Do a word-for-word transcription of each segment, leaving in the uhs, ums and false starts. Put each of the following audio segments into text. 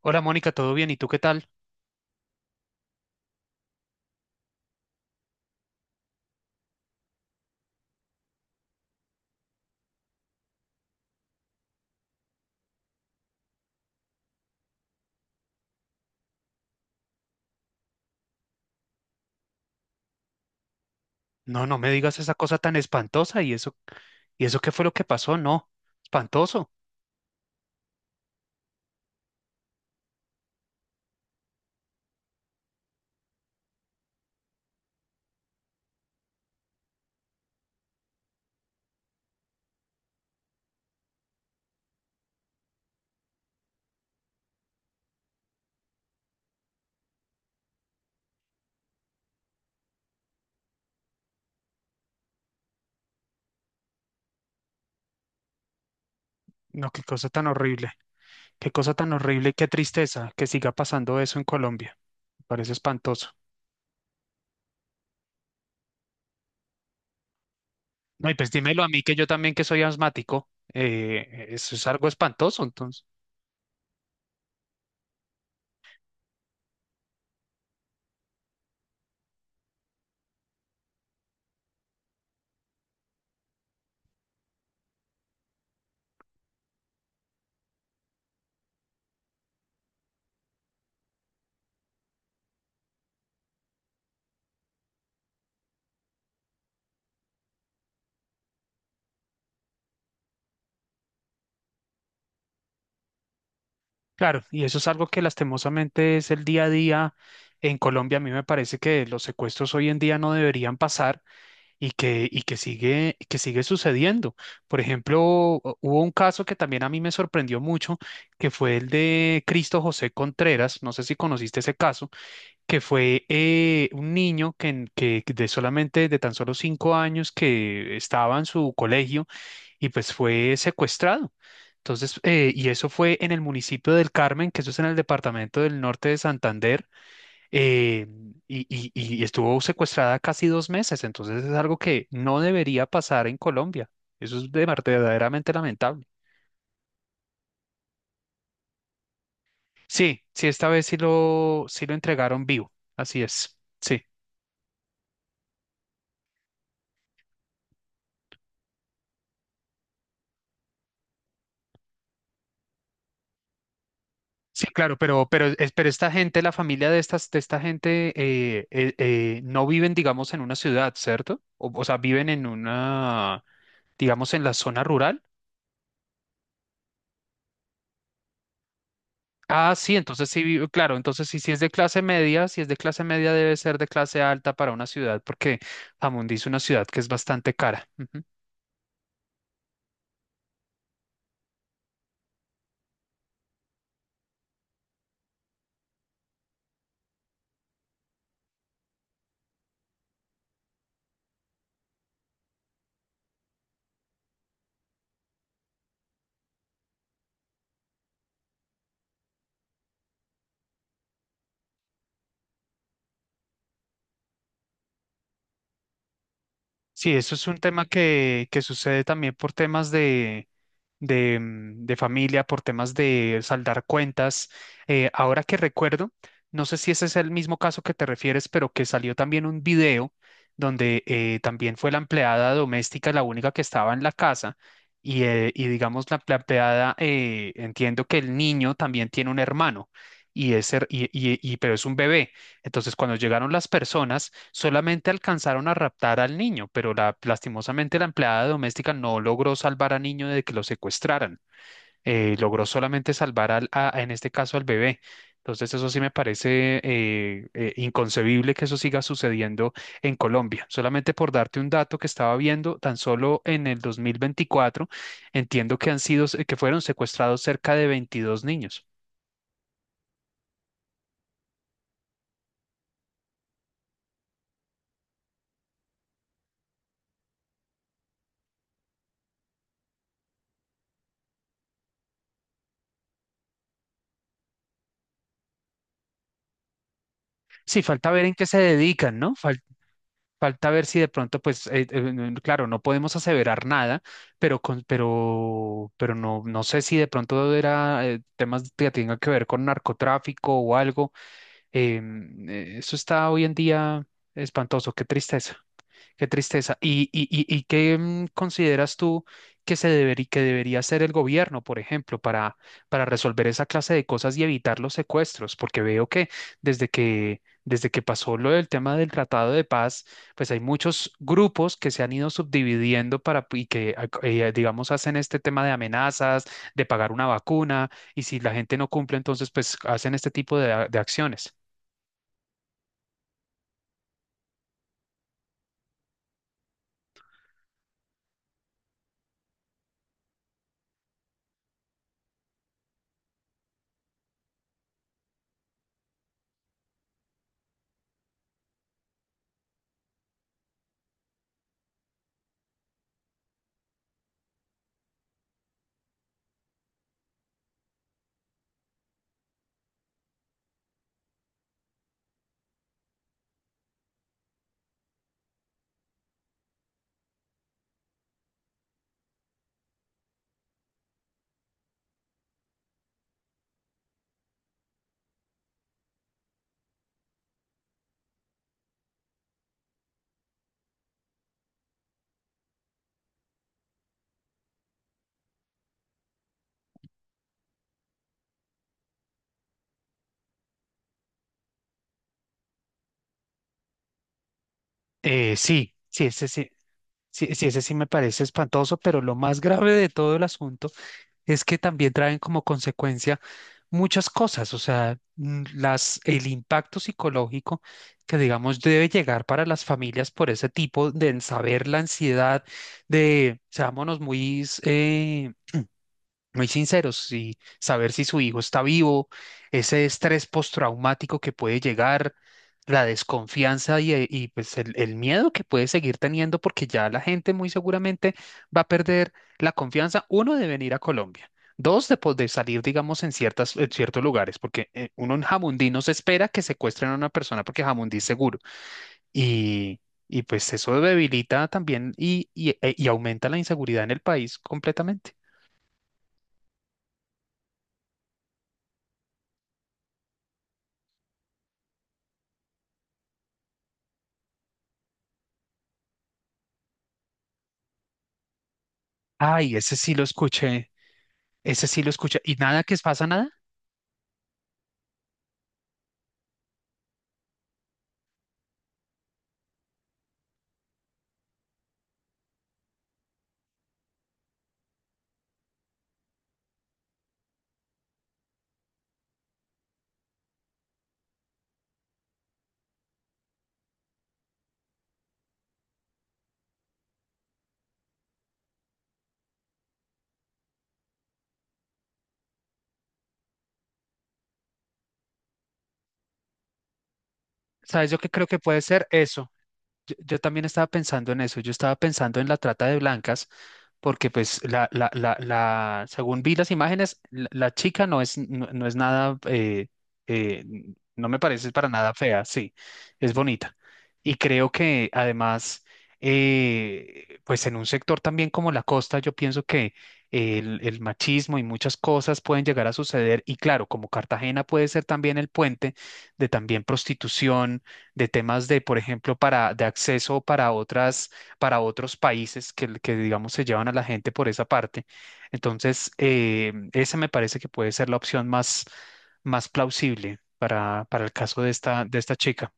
Hola Mónica, ¿todo bien? ¿Y tú qué tal? No, no me digas esa cosa tan espantosa y eso, ¿y eso qué fue lo que pasó? No, espantoso. No, qué cosa tan horrible. Qué cosa tan horrible y qué tristeza que siga pasando eso en Colombia. Me parece espantoso. No, y pues dímelo a mí que yo también que soy asmático, eh, eso es algo espantoso, entonces. Claro, y eso es algo que lastimosamente es el día a día en Colombia. A mí me parece que los secuestros hoy en día no deberían pasar y que, y que sigue, que sigue sucediendo. Por ejemplo, hu- hubo un caso que también a mí me sorprendió mucho, que fue el de Cristo José Contreras, no sé si conociste ese caso, que fue eh, un niño que, en- que de solamente, de tan solo cinco años, que estaba en su colegio y pues fue secuestrado. Entonces, eh, y eso fue en el municipio del Carmen, que eso es en el departamento del norte de Santander eh, y, y- y estuvo secuestrada casi dos meses, entonces es algo que no debería pasar en Colombia. Eso es de- verdaderamente lamentable. Sí, sí, esta vez sí lo, sí lo entregaron vivo, así es. Sí, sí, claro, pero, pero, es- pero esta gente, la familia de estas, de esta gente, eh, eh, eh, no viven, digamos, en una ciudad, ¿cierto? O, o sea, viven en una, digamos, en la zona rural. Ah, sí, entonces sí, vi- claro, entonces sí, si es de clase media, si es de clase media debe ser de clase alta para una ciudad, porque Jamundí es una ciudad que es bastante cara. Sí, eso es un tema que, que sucede también por temas de, de, mm, de familia, por temas de saldar cuentas. Eh, ahora que recuerdo, no sé si ese es el mismo caso que te refieres, pero que salió también un video donde eh, también fue la empleada doméstica la única que estaba en la casa. Y, eh, y digamos, la, la empleada, eh, entiendo que el niño también tiene un hermano, y, ese, y, y, y- pero es un bebé. Entonces, cuando llegaron las personas, solamente alcanzaron a raptar al niño, pero la- lastimosamente la empleada doméstica no logró salvar al niño de que lo secuestraran. Eh, logró solamente salvar al, a- en este caso al bebé. Entonces, eso sí me parece eh, eh, inconcebible que eso siga sucediendo en Colombia. Solamente por darte un dato que estaba viendo, tan solo en el dos mil veinticuatro, entiendo que han sido, que fueron secuestrados cerca de veintidós niños. Sí, falta ver en qué se dedican, ¿no? Fal- Falta ver si de pronto, pues, eh, eh, n- claro, no podemos aseverar nada, pero, con, pero, pero no, no sé si de pronto era eh, temas que tengan que ver con narcotráfico o algo. Em, eh, eso está hoy en día espantoso, qué tristeza. Qué tristeza. ¿Y, y, y, y qué mm, consideras tú que se debería, que debería hacer el gobierno, por ejemplo, para, para resolver esa clase de cosas y evitar los secuestros? Porque veo que desde que, desde que pasó lo del tema del Tratado de Paz, pues hay muchos grupos que se han ido subdividiendo para, y que, ac- eh, digamos, hacen este tema de amenazas, de pagar una vacuna, y si la gente no cumple, entonces, pues hacen este tipo de, a- de acciones. Eh, sí, sí, sí, sí, sí, ese sí me parece espantoso, pero lo más grave de todo el asunto es que también traen como consecuencia muchas cosas, o sea, mm, las, el impacto psicológico que digamos debe llegar para las familias por ese tipo de en saber la ansiedad de, seámonos muy muy sinceros y saber si su hijo está vivo, ese estrés postraumático que puede llegar, la desconfianza y, eh, y, pues el, el miedo que puede seguir teniendo porque ya la gente muy seguramente va a perder la confianza, uno, de venir a Colombia. Dos, de, po- de salir, digamos, en ciertas, en ciertos lugares, porque eh, uno en Jamundí no se espera que secuestren a una persona porque Jamundí es seguro. Y, y pues eso debilita también y, y, e- y aumenta la inseguridad en el país completamente. Ay, ese sí lo escuché, ese sí lo escuché. ¿Y nada que pasa nada? ¿Sabes? Yo que creo que puede ser eso. Yo, yo también estaba pensando en eso, yo estaba pensando en la trata de blancas, porque pues la, la, la, la, según vi las imágenes, la, la chica no es, no, no es nada, eh, eh, n- no me parece para nada fea, sí, es bonita. Y creo que además, eh, pues en un sector también como la costa, yo pienso que el, el machismo y muchas cosas pueden llegar a suceder. Y claro, como Cartagena puede ser también el puente de también prostitución de temas de, por ejemplo, para, de acceso para otras, para otros países que, que, digamos, se llevan a la gente por esa parte. Entonces, eh, esa me parece que puede ser la opción más, más plausible para, para el caso de esta, de esta chica.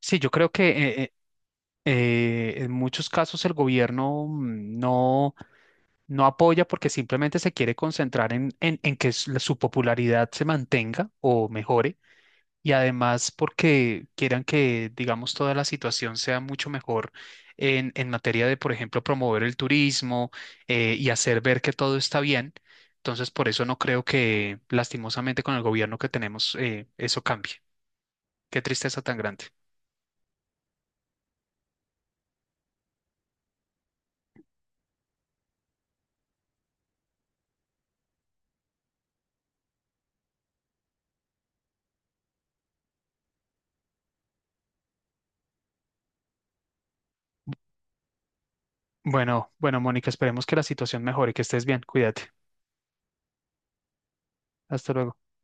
Sí, yo creo que eh, eh, eh, en muchos casos el gobierno mm, no, no apoya porque simplemente se quiere concentrar en, en, en que su la- su popularidad se mantenga o mejore. Y además porque quieran que, digamos, toda la situación sea mucho mejor en, en materia de, por ejemplo, promover el turismo eh, y hacer ver que todo está bien. Entonces, por eso no creo que lastimosamente con el gobierno que tenemos eh, eso cambie. Qué tristeza tan grande. Bueno, bueno, Mónica, esperemos que la situación mejore, que estés bien, cuídate. Hasta luego.